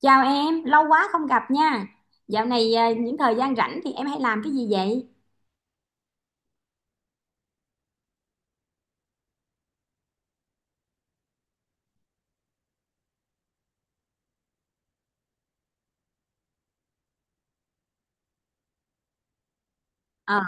Chào em, lâu quá không gặp nha. Dạo này những thời gian rảnh thì em hay làm cái gì vậy? Ờ,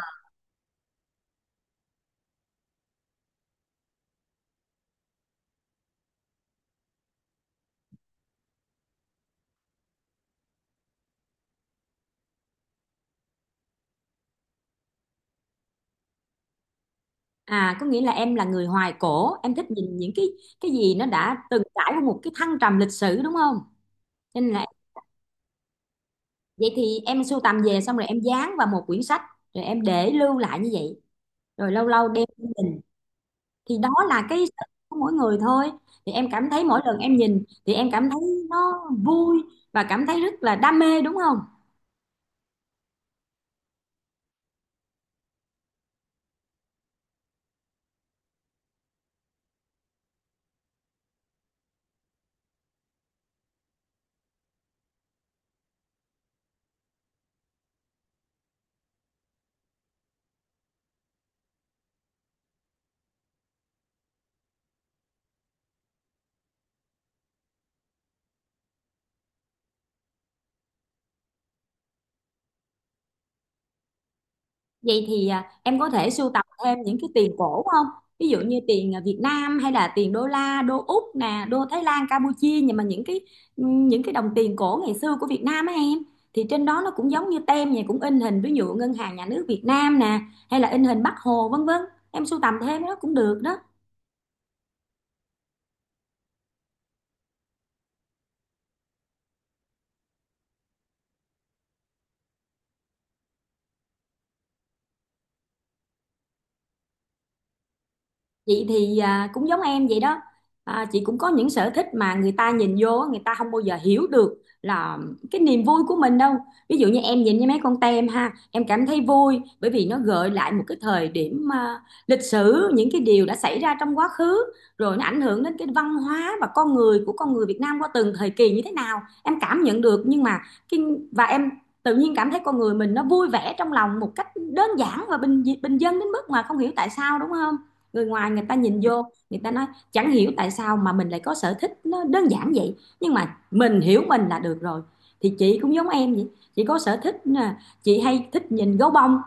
có nghĩa là em là người hoài cổ, em thích nhìn những cái gì nó đã từng trải qua một cái thăng trầm lịch sử đúng không? Cho nên là vậy thì em sưu tầm về xong rồi em dán vào một quyển sách, rồi em để lưu lại như vậy. Rồi lâu lâu đem đi nhìn, thì đó là cái sở thích của mỗi người thôi. Thì em cảm thấy mỗi lần em nhìn thì em cảm thấy nó vui và cảm thấy rất là đam mê đúng không? Vậy thì em có thể sưu tập thêm những cái tiền cổ không? Ví dụ như tiền Việt Nam hay là tiền đô la, đô Úc nè, đô Thái Lan, Campuchia, nhưng mà những cái đồng tiền cổ ngày xưa của Việt Nam á em, thì trên đó nó cũng giống như tem vậy, cũng in hình ví dụ Ngân hàng Nhà nước Việt Nam nè, hay là in hình Bác Hồ vân vân. Em sưu tầm thêm nó cũng được đó. Chị thì cũng giống em vậy đó. À, chị cũng có những sở thích mà người ta nhìn vô á, người ta không bao giờ hiểu được là cái niềm vui của mình đâu. Ví dụ như em nhìn với mấy con tem ha, em cảm thấy vui bởi vì nó gợi lại một cái thời điểm lịch sử, những cái điều đã xảy ra trong quá khứ rồi nó ảnh hưởng đến cái văn hóa và con người của con người Việt Nam qua từng thời kỳ như thế nào, em cảm nhận được. Nhưng mà cái và em tự nhiên cảm thấy con người mình nó vui vẻ trong lòng một cách đơn giản và bình bình dân đến mức mà không hiểu tại sao đúng không, người ngoài người ta nhìn vô người ta nói chẳng hiểu tại sao mà mình lại có sở thích nó đơn giản vậy, nhưng mà mình hiểu mình là được rồi. Thì chị cũng giống em vậy, chị có sở thích, chị hay thích nhìn gấu bông.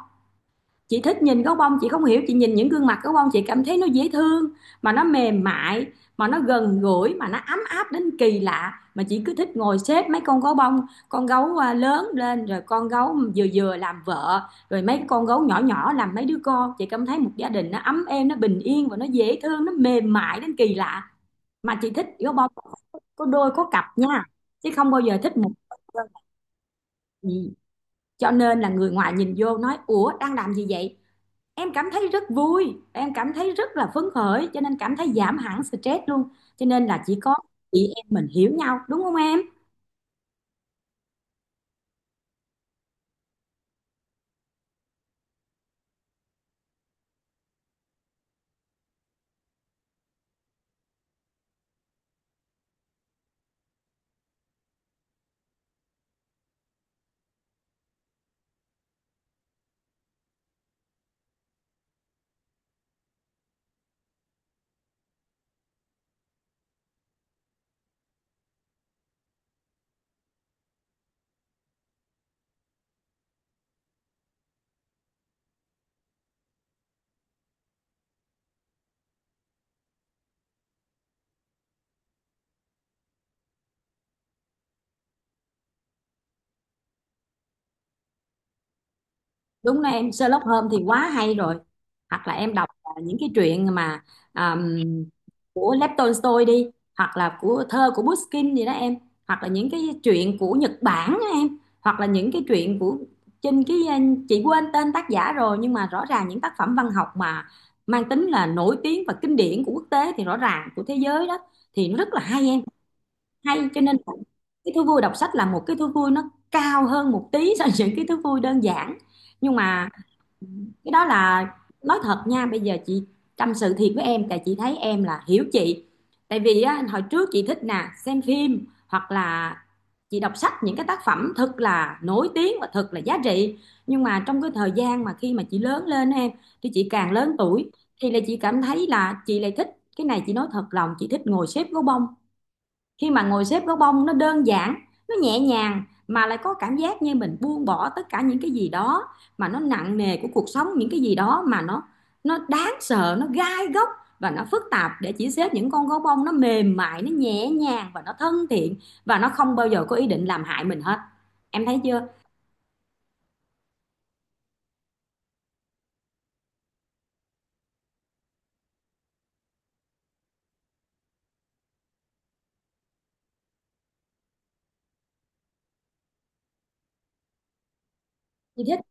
Chị thích nhìn gấu bông, chị không hiểu, chị nhìn những gương mặt gấu bông chị cảm thấy nó dễ thương, mà nó mềm mại, mà nó gần gũi, mà nó ấm áp đến kỳ lạ. Mà chị cứ thích ngồi xếp mấy con gấu bông, con gấu lớn lên rồi con gấu vừa vừa làm vợ, rồi mấy con gấu nhỏ nhỏ làm mấy đứa con, chị cảm thấy một gia đình nó ấm êm, nó bình yên và nó dễ thương, nó mềm mại đến kỳ lạ. Mà chị thích gấu bông có đôi có cặp nha, chứ không bao giờ thích một. Ừ. Cho nên là người ngoài nhìn vô nói ủa đang làm gì vậy, em cảm thấy rất vui, em cảm thấy rất là phấn khởi cho nên cảm thấy giảm hẳn stress luôn. Cho nên là chỉ có chị em mình hiểu nhau đúng không em. Đúng là em, Sherlock Holmes thì quá hay rồi. Hoặc là em đọc những cái truyện mà um, của Lev Tolstoy đi, hoặc là của thơ của Pushkin gì đó em, hoặc là những cái truyện của Nhật Bản á em, hoặc là những cái truyện của trên cái chị quên tên tác giả rồi, nhưng mà rõ ràng những tác phẩm văn học mà mang tính là nổi tiếng và kinh điển của quốc tế thì rõ ràng của thế giới đó thì nó rất là hay em. Hay cho nên là cái thú vui đọc sách là một cái thú vui nó cao hơn một tí so với những cái thú vui đơn giản. Nhưng mà cái đó là, nói thật nha, bây giờ chị tâm sự thiệt với em tại chị thấy em là hiểu chị. Tại vì á, hồi trước chị thích nè xem phim, hoặc là chị đọc sách những cái tác phẩm thật là nổi tiếng và thật là giá trị. Nhưng mà trong cái thời gian mà khi mà chị lớn lên á em, thì chị càng lớn tuổi thì là chị cảm thấy là chị lại thích cái này, chị nói thật lòng, chị thích ngồi xếp gấu bông. Khi mà ngồi xếp gấu bông nó đơn giản, nó nhẹ nhàng, mà lại có cảm giác như mình buông bỏ tất cả những cái gì đó mà nó nặng nề của cuộc sống, những cái gì đó mà nó đáng sợ, nó gai góc và nó phức tạp, để chỉ xếp những con gấu bông nó mềm mại, nó nhẹ nhàng và nó thân thiện, và nó không bao giờ có ý định làm hại mình hết. Em thấy chưa, như thế.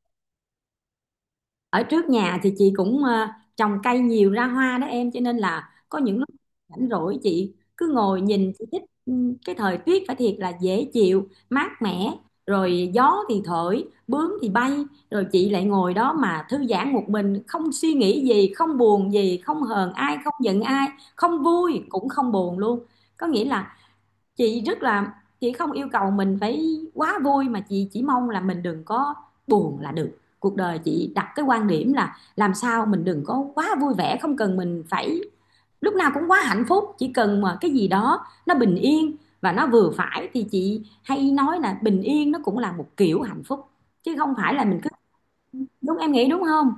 Ở trước nhà thì chị cũng trồng cây nhiều ra hoa đó em, cho nên là có những lúc rảnh rỗi chị cứ ngồi nhìn, chị thích cái thời tiết phải thiệt là dễ chịu mát mẻ, rồi gió thì thổi bướm thì bay, rồi chị lại ngồi đó mà thư giãn một mình, không suy nghĩ gì, không buồn gì, không hờn ai, không giận ai, không vui cũng không buồn luôn. Có nghĩa là chị rất là, chị không yêu cầu mình phải quá vui, mà chị chỉ mong là mình đừng có buồn là được. Cuộc đời chị đặt cái quan điểm là làm sao mình đừng có quá vui vẻ, không cần mình phải lúc nào cũng quá hạnh phúc, chỉ cần mà cái gì đó nó bình yên và nó vừa phải, thì chị hay nói là bình yên nó cũng là một kiểu hạnh phúc, chứ không phải là mình cứ, đúng em nghĩ đúng không.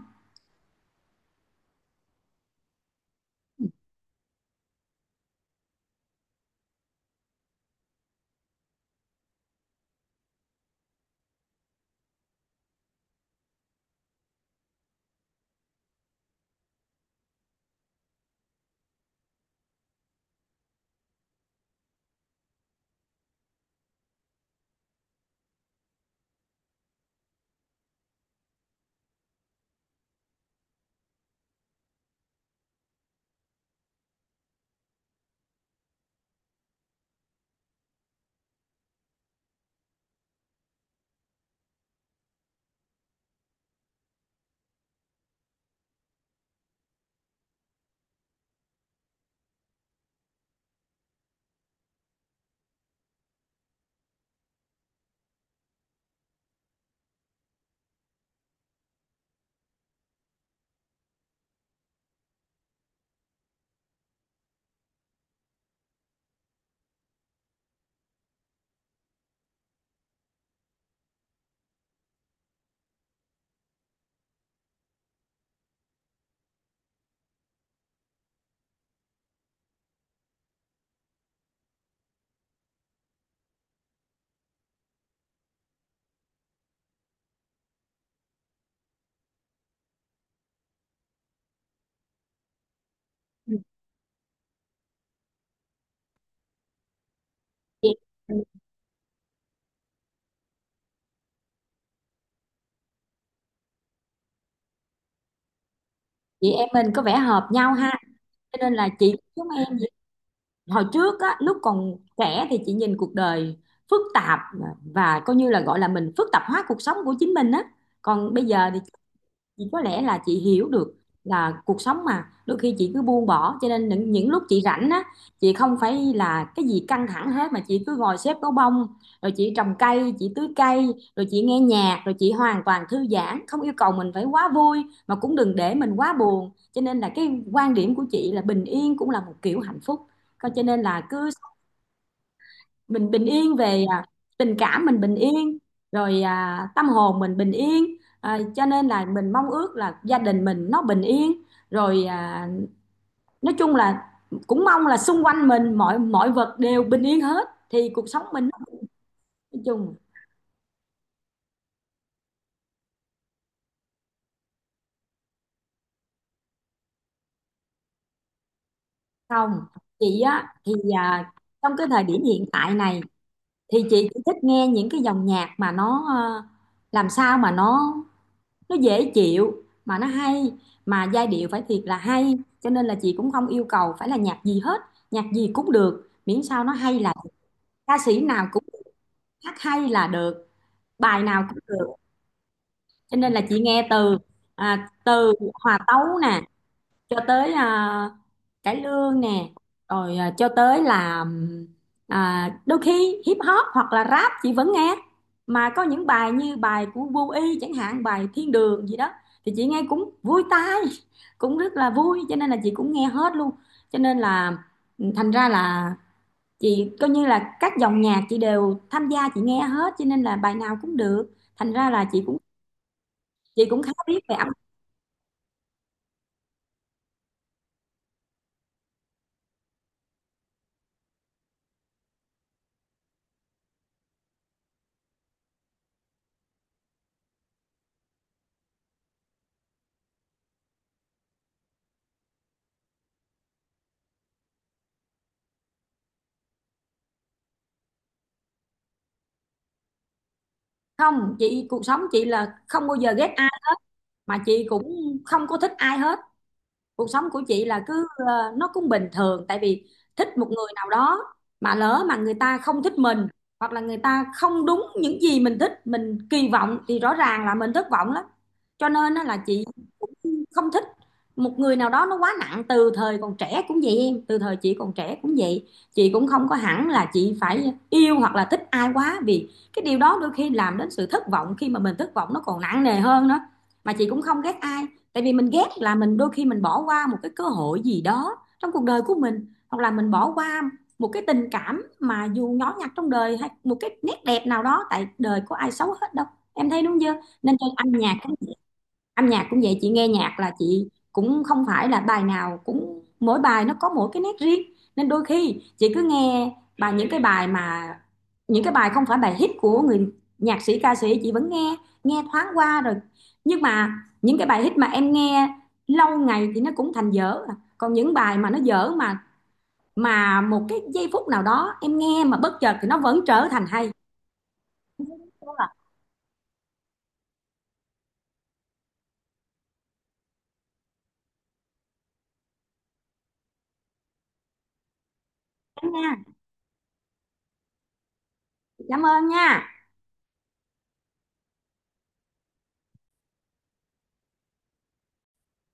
Chị, chị em mình có vẻ hợp nhau ha, cho nên là chị giống em, hồi trước á lúc còn trẻ thì chị nhìn cuộc đời phức tạp, và coi như là gọi là mình phức tạp hóa cuộc sống của chính mình á. Còn bây giờ thì chị có lẽ là chị hiểu được là cuộc sống mà đôi khi chị cứ buông bỏ, cho nên những lúc chị rảnh á, chị không phải là cái gì căng thẳng hết, mà chị cứ ngồi xếp gấu bông, rồi chị trồng cây, chị tưới cây, rồi chị nghe nhạc, rồi chị hoàn toàn thư giãn, không yêu cầu mình phải quá vui mà cũng đừng để mình quá buồn. Cho nên là cái quan điểm của chị là bình yên cũng là một kiểu hạnh phúc. Coi cho nên là cứ mình bình yên về tình cảm mình bình yên, rồi tâm hồn mình bình yên, cho nên là mình mong ước là gia đình mình nó bình yên, rồi nói chung là cũng mong là xung quanh mình mọi mọi vật đều bình yên hết thì cuộc sống mình nó nói chung. Không, chị á thì trong cái thời điểm hiện tại này thì chị chỉ thích nghe những cái dòng nhạc mà nó làm sao mà nó dễ chịu mà nó hay, mà giai điệu phải thiệt là hay. Cho nên là chị cũng không yêu cầu phải là nhạc gì hết, nhạc gì cũng được miễn sao nó hay là, ca sĩ nào cũng được, hát hay là được, bài nào cũng được. Cho nên là chị nghe từ từ hòa tấu nè, cho tới cải lương nè, rồi cho tới là đôi khi hip hop hoặc là rap chị vẫn nghe. Mà có những bài như bài của Vô Y chẳng hạn, bài Thiên Đường gì đó, thì chị nghe cũng vui tai, cũng rất là vui, cho nên là chị cũng nghe hết luôn. Cho nên là thành ra là chị coi như là các dòng nhạc chị đều tham gia, chị nghe hết, cho nên là bài nào cũng được, thành ra là chị cũng, chị cũng khá biết về âm nhạc. Không, chị cuộc sống chị là không bao giờ ghét, mà chị cũng không có thích ai hết. Cuộc sống của chị là cứ nó cũng bình thường, tại vì thích một người nào đó mà lỡ mà người ta không thích mình, hoặc là người ta không đúng những gì mình thích mình kỳ vọng, thì rõ ràng là mình thất vọng lắm. Cho nên á là chị cũng không thích một người nào đó nó quá nặng, từ thời còn trẻ cũng vậy em, từ thời chị còn trẻ cũng vậy, chị cũng không có hẳn là chị phải yêu hoặc là thích ai quá, vì cái điều đó đôi khi làm đến sự thất vọng, khi mà mình thất vọng nó còn nặng nề hơn nữa. Mà chị cũng không ghét ai, tại vì mình ghét là mình đôi khi mình bỏ qua một cái cơ hội gì đó trong cuộc đời của mình, hoặc là mình bỏ qua một cái tình cảm mà dù nhỏ nhặt trong đời, hay một cái nét đẹp nào đó, tại đời có ai xấu hết đâu. Em thấy đúng chưa, nên cho âm nhạc, âm nhạc cũng vậy, chị nghe nhạc là chị cũng không phải là bài nào cũng, mỗi bài nó có mỗi cái nét riêng. Nên đôi khi chị cứ nghe bài những cái bài mà những cái bài không phải bài hit của người nhạc sĩ ca sĩ, chị vẫn nghe, nghe thoáng qua rồi. Nhưng mà những cái bài hit mà em nghe lâu ngày thì nó cũng thành dở à. Còn những bài mà nó dở mà một cái giây phút nào đó em nghe mà bất chợt thì nó vẫn trở thành hay. Đúng rồi. Em nha, cảm ơn nha.